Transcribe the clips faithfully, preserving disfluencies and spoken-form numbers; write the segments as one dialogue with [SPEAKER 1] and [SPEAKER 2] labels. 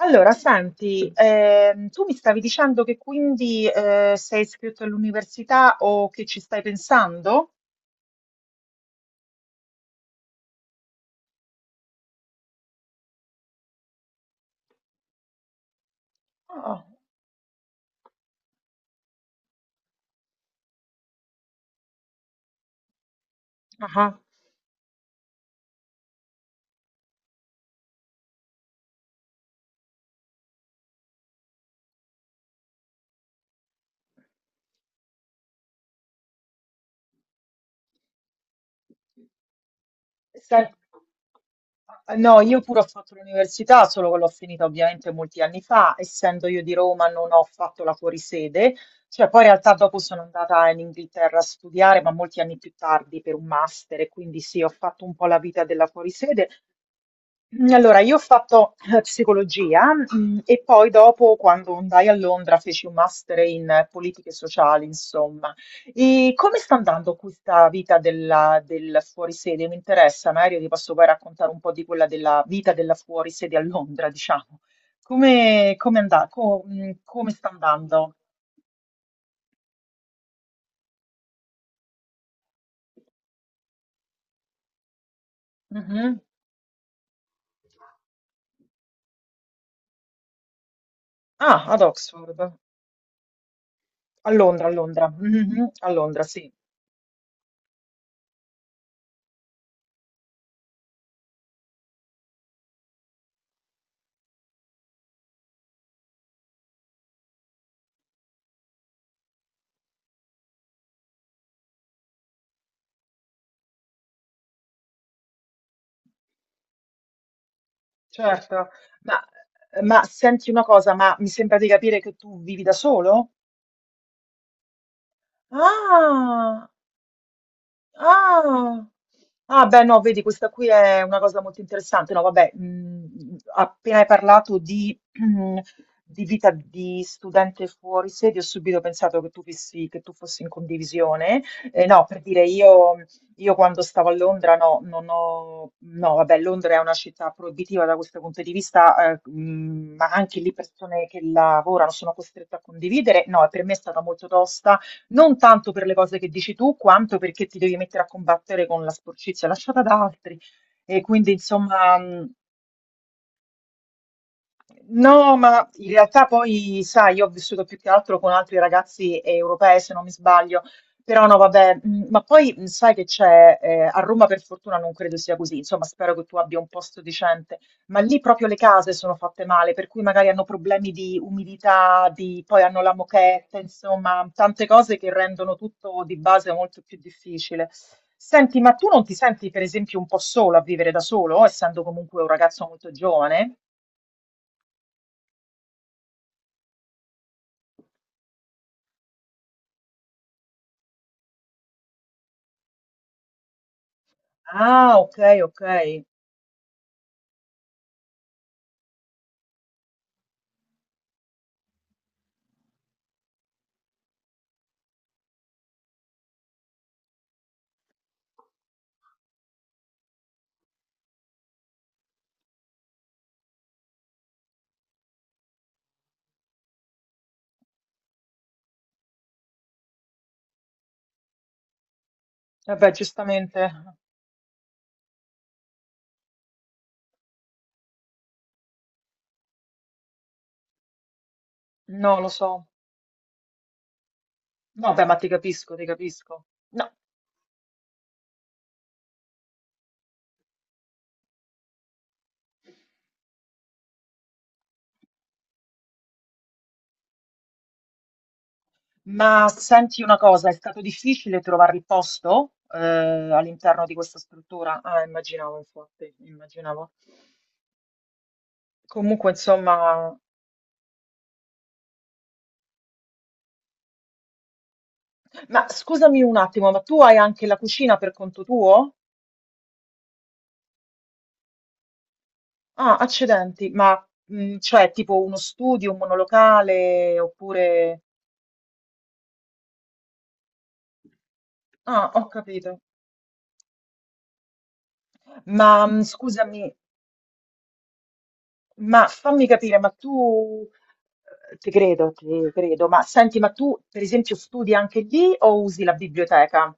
[SPEAKER 1] Allora, senti, ehm, tu mi stavi dicendo che quindi eh, sei iscritto all'università o che ci stai pensando? Ah, ah. Sen- No, io pure ho fatto l'università, solo che l'ho finita ovviamente molti anni fa, essendo io di Roma non ho fatto la fuorisede, cioè poi in realtà dopo sono andata in Inghilterra a studiare, ma molti anni più tardi per un master, e quindi sì, ho fatto un po' la vita della fuorisede, Mhmm, allora io ho fatto eh, psicologia, mhmm, e poi dopo quando andai a Londra feci un master in eh, politiche sociali, insomma. E come sta andando questa vita della del fuori sede? Mi interessa, magari ti posso poi raccontare un po' di quella della vita della fuori sede a Londra, diciamo. Come come anda co mhmm, come sta andando? Mh-mh. Ah, ad Oxford. A Londra, a Londra. Mh-mh, a Londra, sì. Certo, ma, ma senti una cosa, ma mi sembra di capire che tu vivi da solo? Ah! Ah! Ah beh no, vedi questa qui è una cosa molto interessante. No vabbè, mhmm, appena hai parlato di di vita di studente fuori sede, ho subito pensato che tu fissi che tu fossi in condivisione. E no, per dire io io quando stavo a Londra no, non ho no vabbè, Londra è una città proibitiva da questo punto di vista, ehm, mhmm, ma anche lì persone che lavorano sono costrette a condividere. No, e per me è stata molto tosta non tanto per le cose che dici tu, quanto perché ti devi mettere a combattere con la sporcizia lasciata da altri. E quindi, insomma, mh, No, ma in realtà poi, sai, io ho vissuto più che altro con altri ragazzi europei, se non mi sbaglio, però no, vabbè, mm, ma poi mm, sai che c'è, eh, a Roma per fortuna non credo sia così, insomma, spero che tu abbia un posto decente, ma lì proprio le case sono fatte male, per cui magari hanno problemi di umidità, di, poi hanno la moquette, insomma, tante cose che rendono tutto di base molto più difficile. Senti, ma tu non ti senti per esempio un po' solo a vivere da solo, essendo comunque un ragazzo molto giovane? Ah, ok, ok. Vabbè, giustamente. No, lo so. No, beh, ma ti capisco, ti capisco. No, ma senti una cosa, è stato difficile trovare il posto eh, all'interno di questa struttura? Ah, immaginavo, infatti, immaginavo. Comunque, insomma. Ma scusami un attimo, ma tu hai anche la cucina per conto tuo? Ah, accidenti, ma mh, cioè tipo uno studio, un monolocale, oppure. Ah, ho capito. Ma mm, scusami, Ma fammi capire, ma tu, eh, ti credo, ti credo, ma senti, ma tu per esempio studi anche lì o usi la biblioteca?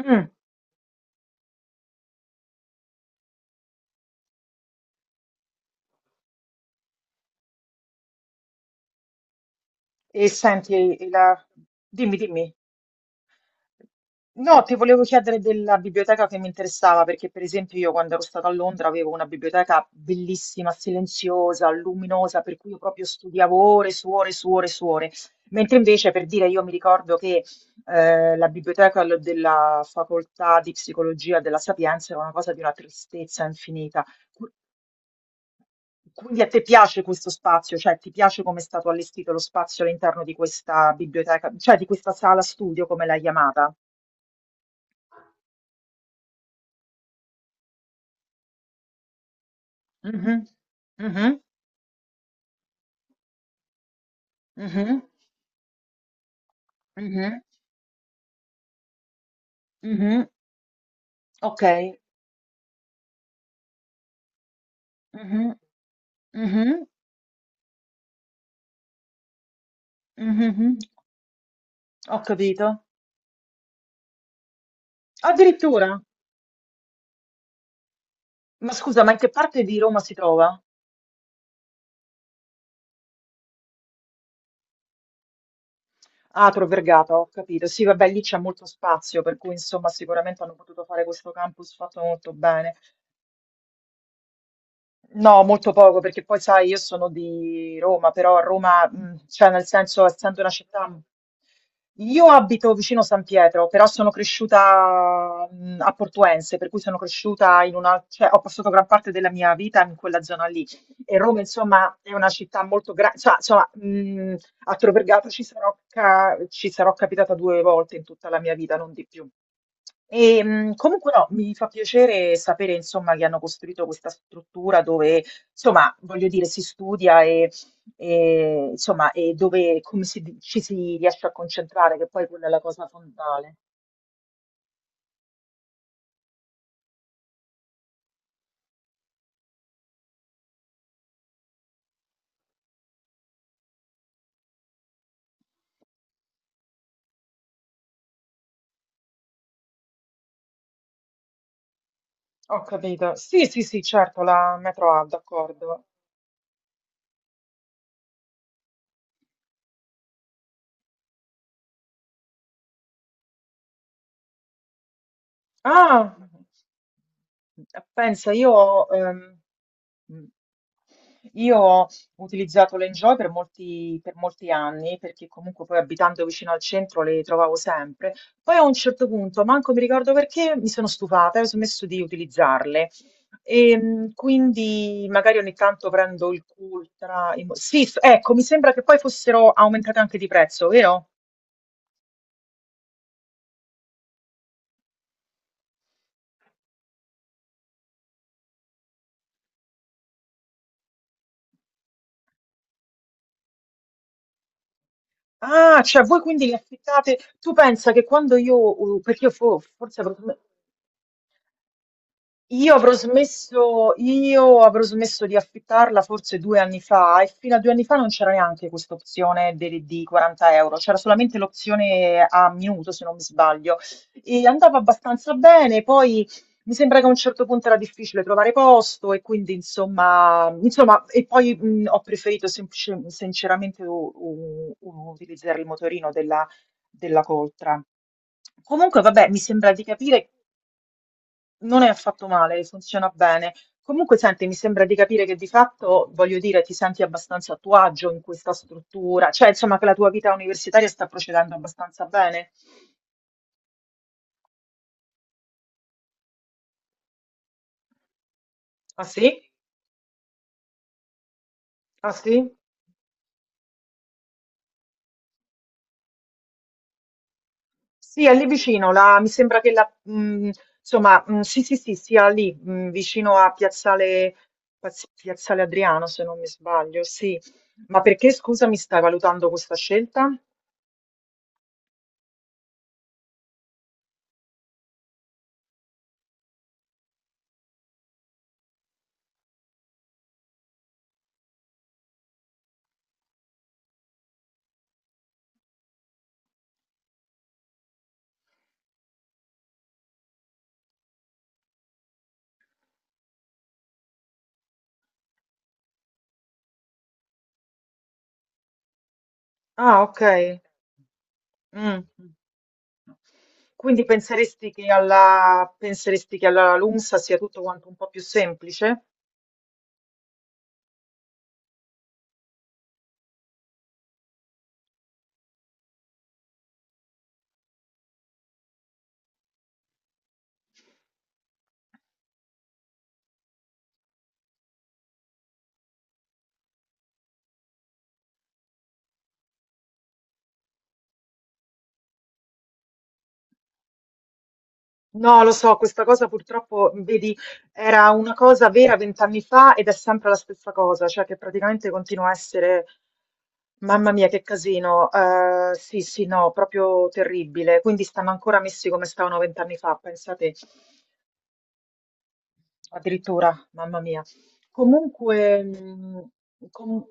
[SPEAKER 1] Mm. E senti, e la... dimmi, dimmi. No, ti volevo chiedere della biblioteca che mi interessava, perché per esempio io quando ero stata a Londra avevo una biblioteca bellissima, silenziosa, luminosa, per cui io proprio studiavo ore su ore su ore su ore. Mentre invece, per dire, io mi ricordo che eh, la biblioteca l- della facoltà di psicologia della Sapienza era una cosa di una tristezza infinita. Qu- Quindi a te piace questo spazio, cioè ti piace come è stato allestito lo spazio all'interno di questa biblioteca, cioè di questa sala studio, come l'hai chiamata? Mhm, mhm, mhm, mhm, mhm. Ok. Mhm, mhm, mhm. Ho capito. Addirittura. Ma scusa, ma in che parte di Roma si trova? Ah, Tor Vergata, ho capito. Sì, vabbè, lì c'è molto spazio, per cui insomma sicuramente hanno potuto fare questo campus fatto molto bene. No, molto poco, perché poi sai, io sono di Roma, però a Roma, mh, cioè nel senso, essendo una città. Io abito vicino San Pietro, però sono cresciuta mh, a Portuense, per cui sono cresciuta in una, cioè ho passato gran parte della mia vita in quella zona lì. E Roma, insomma, è una città molto grande, cioè, insomma, mh, a Tor Vergata ci sarò, ca- ci sarò capitata due volte in tutta la mia vita, non di più. E, mh, comunque no, mi fa piacere sapere insomma che hanno costruito questa struttura dove insomma voglio dire si studia e, e, insomma e dove come si di- ci si riesce a concentrare, che poi quella è la cosa fondale. Ho capito. Sì, sì, sì, certo, la metro A, d'accordo. Ah, pensa, io ho, ehm, io ho utilizzato le Enjoy per molti, per molti anni, perché comunque poi abitando vicino al centro le trovavo sempre. Poi a un certo punto, manco mi ricordo perché, mi sono stufata e ho smesso di utilizzarle. E, mh, quindi magari ogni tanto prendo il Cultra. il Mo- Sì, f- ecco, mi sembra che poi fossero aumentate anche di prezzo, vero? Ah, cioè voi quindi li affittate. Tu pensa che quando io, uh, perché io fo- forse avrò- io avrò smesso, io avrò smesso di affittarla forse due anni fa e fino a due anni fa non c'era neanche questa opzione de- di quaranta euro, c'era solamente l'opzione a minuto se non mi sbaglio e andava abbastanza bene, poi mi sembra che a un certo punto era difficile trovare posto e quindi insomma, insomma e poi mh, ho preferito semplice- sinceramente u- u- u- utilizzare il motorino della, della Coltra. Comunque vabbè, mi sembra di capire non è affatto male, funziona bene. Comunque, senti, mi sembra di capire che di fatto, voglio dire, ti senti abbastanza a tuo agio in questa struttura, cioè insomma che la tua vita universitaria sta procedendo abbastanza bene. Ah sì? Ah sì? Sì, è lì vicino, la- mi sembra che la, mh, insomma, mh, sì, sì, sì, sia lì, mh, vicino a Piazzale, Paz- Piazzale Adriano, se non mi sbaglio, sì. Ma perché, scusa, mi stai valutando questa scelta? Ah, ok. Mm. no. Quindi penseresti che alla, penseresti che alla LUMSA sia tutto quanto un po' più semplice? No, lo so, questa cosa purtroppo, vedi, era una cosa vera vent'anni fa ed è sempre la stessa cosa, cioè che praticamente continua a essere, mamma mia, che casino, eh, sì, sì, no, proprio terribile. Quindi stanno ancora messi come stavano vent'anni fa, pensate, addirittura, mamma mia. Comunque, mm, com-